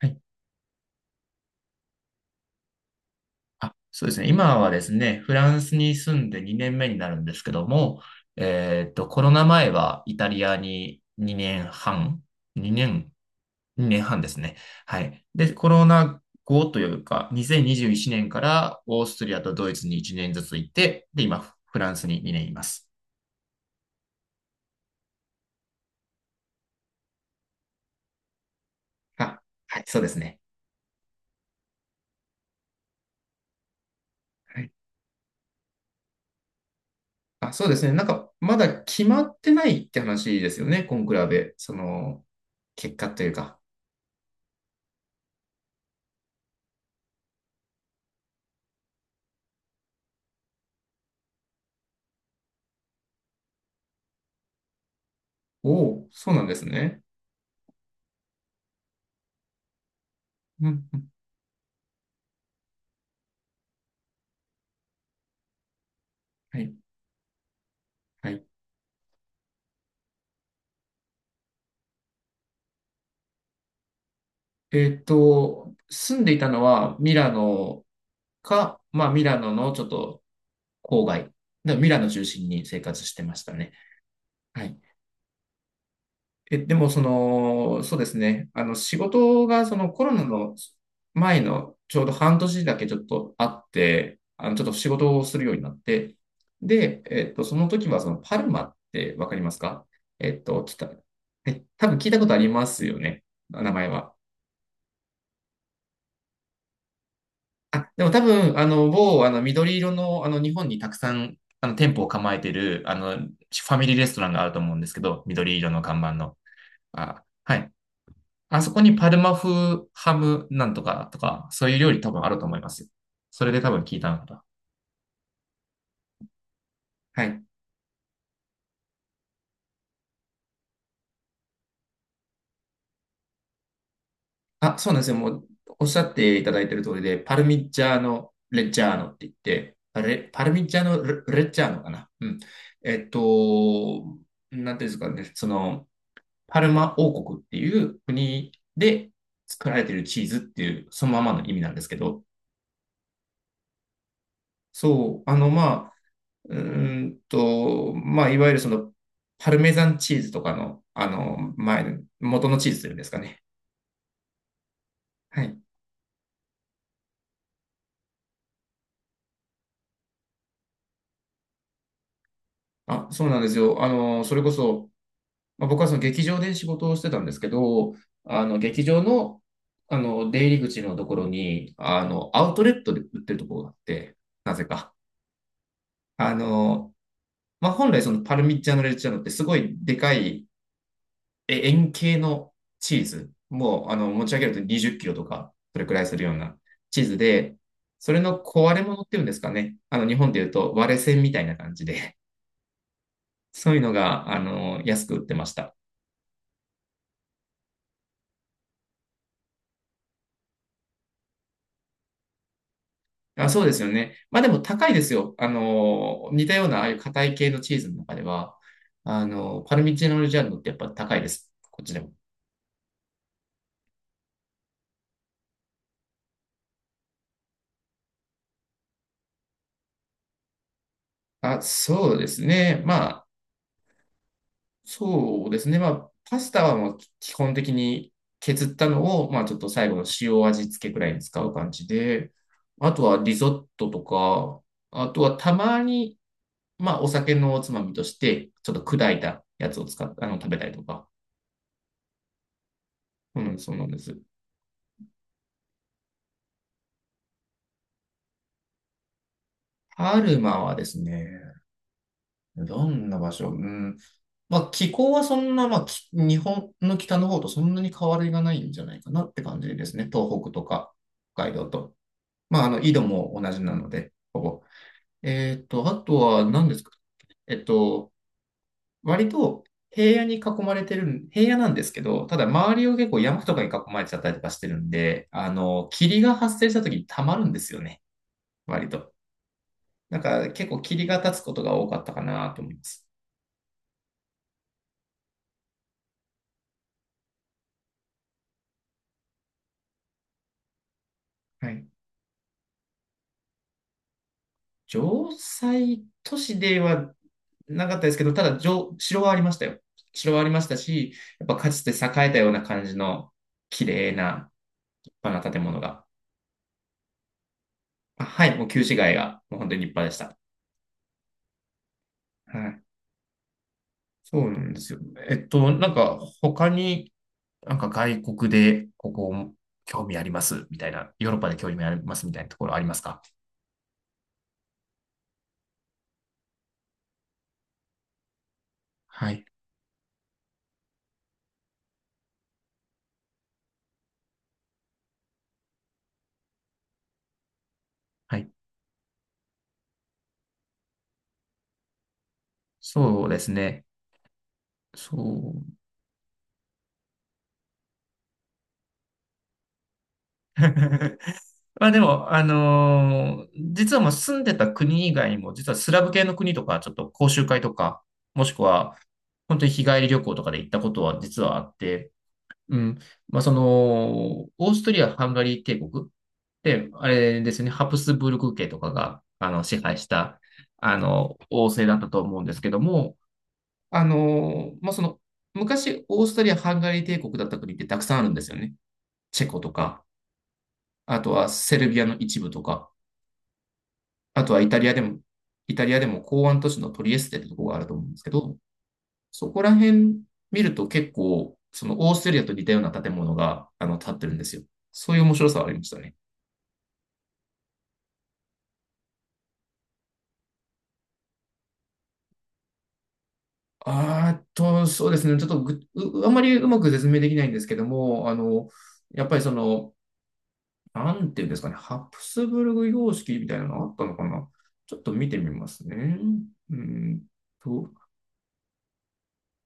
はい。あ、そうですね。今はですね、フランスに住んで2年目になるんですけども、コロナ前はイタリアに2年半、2年、2年半ですね。はい。で、コロナ後というか、2021年からオーストリアとドイツに1年ずつ行って、で、今、フランスに2年います。あ、はい、そうですね。はい。あ、そうですね。なんか、まだ決まってないって話ですよね、コンクラベ。その、結果というか。おお、そうなんですね。うんうん。はい。はい。住んでいたのはミラノか、まあミラノのちょっと郊外、でミラノ中心に生活してましたね。はい。え、でもその、そうですね。あの、仕事がそのコロナの前のちょうど半年だけちょっとあって、あの、ちょっと仕事をするようになって、で、その時はそのパルマってわかりますか？えっと、ち多分聞いたことありますよね。名前は。あ、でも多分、あの、某、あの、緑色の、あの、日本にたくさん、あの、店舗を構えてる、あの、ファミリーレストランがあると思うんですけど、緑色の看板の。あ、はい。あそこにパルマ風ハムなんとかとか、そういう料理多分あると思います。それで多分聞いたのかな。はい。あ、そうなんですよ。もう、おっしゃっていただいてる通りで、パルミッジャーノ・レッジャーノって言って、あれ、パルミッジャーノ・レッジャーノかな。うん。えっと、なんていうんですかね、その、パルマ王国っていう国で作られているチーズっていう、そのままの意味なんですけど、そう、あの、まあ、うーまあ、いわゆるその、パルメザンチーズとかの、あの、前の、元のチーズというんですかね。はい。あ、そうなんですよ。あの、それこそ、まあ、僕はその劇場で仕事をしてたんですけど、あの、劇場の、あの、出入り口のところに、あの、アウトレットで売ってるところがあって、なぜか。あの、まあ、本来そのパルミジャーノ・レッジャーノってすごいでかい円形のチーズ。もうあの持ち上げると20キロとか、それくらいするようなチーズで、それの壊れ物っていうんですかね。あの日本で言うと割れ線みたいな感じで、そういうのがあの安く売ってました。あ、そうですよね。まあでも高いですよ。あの、似たようなああいう硬い系のチーズの中では、あの、パルミジャーノ・レッジャーノってやっぱ高いです。こっちでも。あ、そうですね。まあそうですね。まあ、パスタはもう基本的に削ったのを、まあ、ちょっと最後の塩味付けくらいに使う感じで、あとはリゾットとか、あとはたまに、まあ、お酒のおつまみとして、ちょっと砕いたやつを使っあの、食べたりとか。うん、そうなんです。パルマはですね、どんな場所。うん。まあ、気候はそんな、まあ、日本の北の方とそんなに変わりがないんじゃないかなって感じですね。東北とか、北海道と。まあ、あの、緯度も同じなので、ほぼ。あとは何ですか？えっと、割と平野に囲まれてる、平野なんですけど、ただ周りを結構山とかに囲まれちゃったりとかしてるんで、あの、霧が発生した時に溜まるんですよね、割と。だから結構霧が立つことが多かったかなと思います。はい。城西都市ではなかったですけど、ただ、城はありましたよ。城はありましたし、やっぱかつて栄えたような感じの綺麗な立派な建物が。あはい、もう旧市街がもう本当に立派でした。はい。そうなんですよ。なんか他に、なんか外国でここ興味ありますみたいな、ヨーロッパで興味ありますみたいなところありますか？はい。はい。そうですね。そう。まあでも、実はもう住んでた国以外にも、実はスラブ系の国とか、ちょっと講習会とか、もしくは、本当に日帰り旅行とかで行ったことは実はあって、うん。まあその、オーストリア、ハンガリー帝国って、あれですね、ハプスブルク家とかが、あの、支配した、あの、王政だったと思うんですけども、まあその、昔、オーストリア、ハンガリー帝国だった国ってたくさんあるんですよね。チェコとか。あとはセルビアの一部とか、あとはイタリアでも港湾都市のトリエステってとこがあると思うんですけど、そこら辺見ると結構、そのオーストリアと似たような建物が、あの、建ってるんですよ。そういう面白さはありましたね。あーっと、そうですね。ちょっとぐ、うあまりうまく説明できないんですけども、あの、やっぱりその、なんていうんですかね、ハプスブルグ様式みたいなのあったのかな。ちょっと見てみますね。うんと、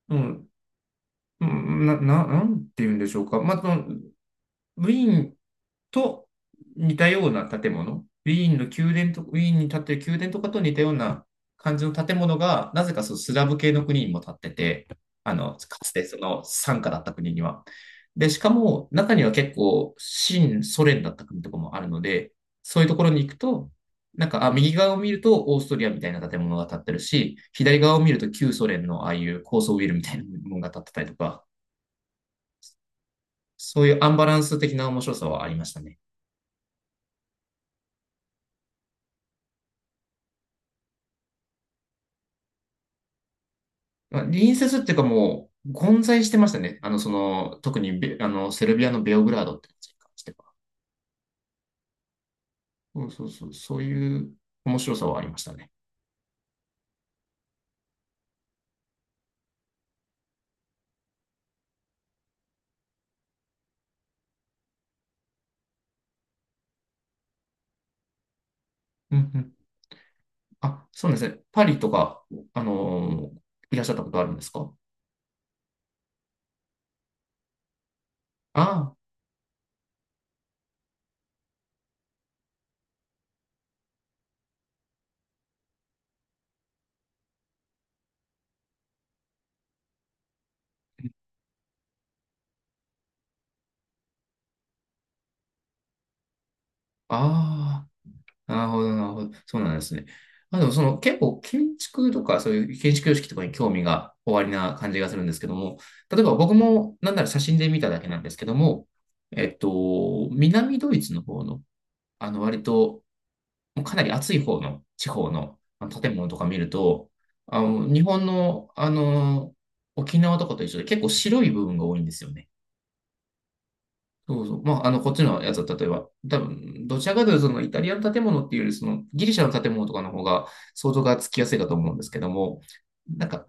うん、なんて言うんでしょうか。まあ、その、ウィーンと似たような建物、ウィーンの宮殿と、ウィーンに建ってる宮殿とかと似たような感じの建物が、なぜかそのスラブ系の国にも建ってて、あの、かつてその傘下だった国には。で、しかも中には結構、新ソ連だった国とかもあるので、そういうところに行くと、なんか、あ、右側を見るとオーストリアみたいな建物が建ってるし、左側を見ると旧ソ連のああいう高層ビルみたいなものが建ってたりとか、そういうアンバランス的な面白さはありましたね。まあ隣接っていうかもう、混在してましたね。あの、その、特にあの、セルビアのベオグラードって街に関しては。そうそうそう、そういう面白さはありましたね。うんうん。あ、そうなんですね。パリとか、あのーいらっしゃったことあるんですか？ああ、ああ。なるほど、なるほど。そうなんですね。あ、でもその結構建築とかそういう建築様式とかに興味がおありな感じがするんですけども、例えば僕もなんなら写真で見ただけなんですけども、南ドイツの方の、あの割ともうかなり暑い方の地方のあの建物とか見ると、あの日本の、あの沖縄とかと一緒で結構白い部分が多いんですよね。そうそう。まあ、あの、こっちのやつは、例えば、多分、どちらかというと、そのイタリアの建物っていうより、そのギリシャの建物とかの方が想像がつきやすいかと思うんですけども、なんか、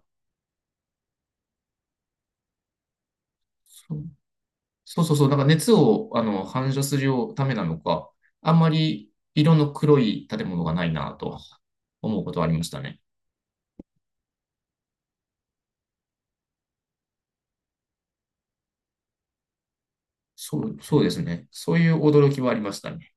そうそうそうそう、なんか熱をあの反射するためなのか、あんまり色の黒い建物がないなと思うことはありましたね。そう、そうですね。そういう驚きはありましたね。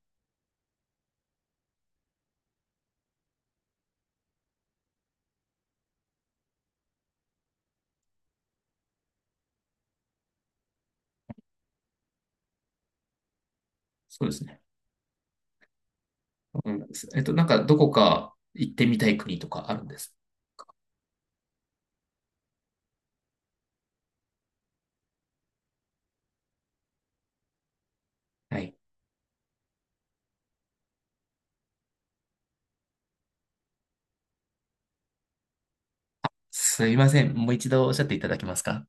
そうですね。うん、なんか、どこか行ってみたい国とかあるんです。はい。すいません。もう一度おっしゃっていただけますか？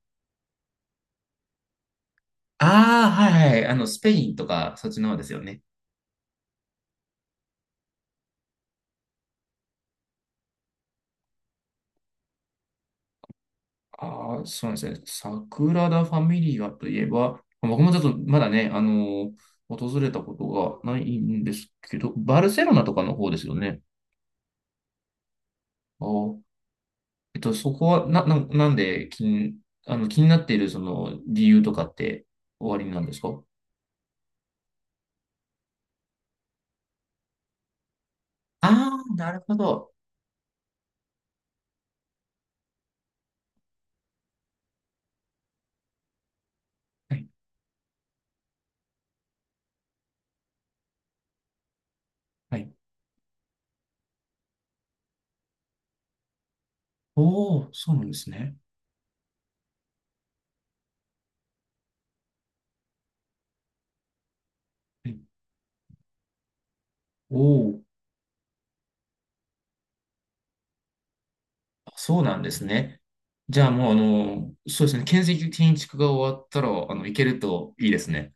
ああ、はいはい。あの、スペインとか、そっちの方ですよね。ああ、そうなんですね。サグラダ・ファミリアといえば、僕もちょっとまだね、訪れたことがないんですけど、バルセロナとかの方ですよね。あー、そこは、なんで気になっているその理由とかっておありなんですか？ああー、なるほど。はい、はい。おお、そうなんですね。はい。おお。そうなんですね。じゃあもう、あの、そうですね。建設的に建築が終わったら、あの、行けるといいですね。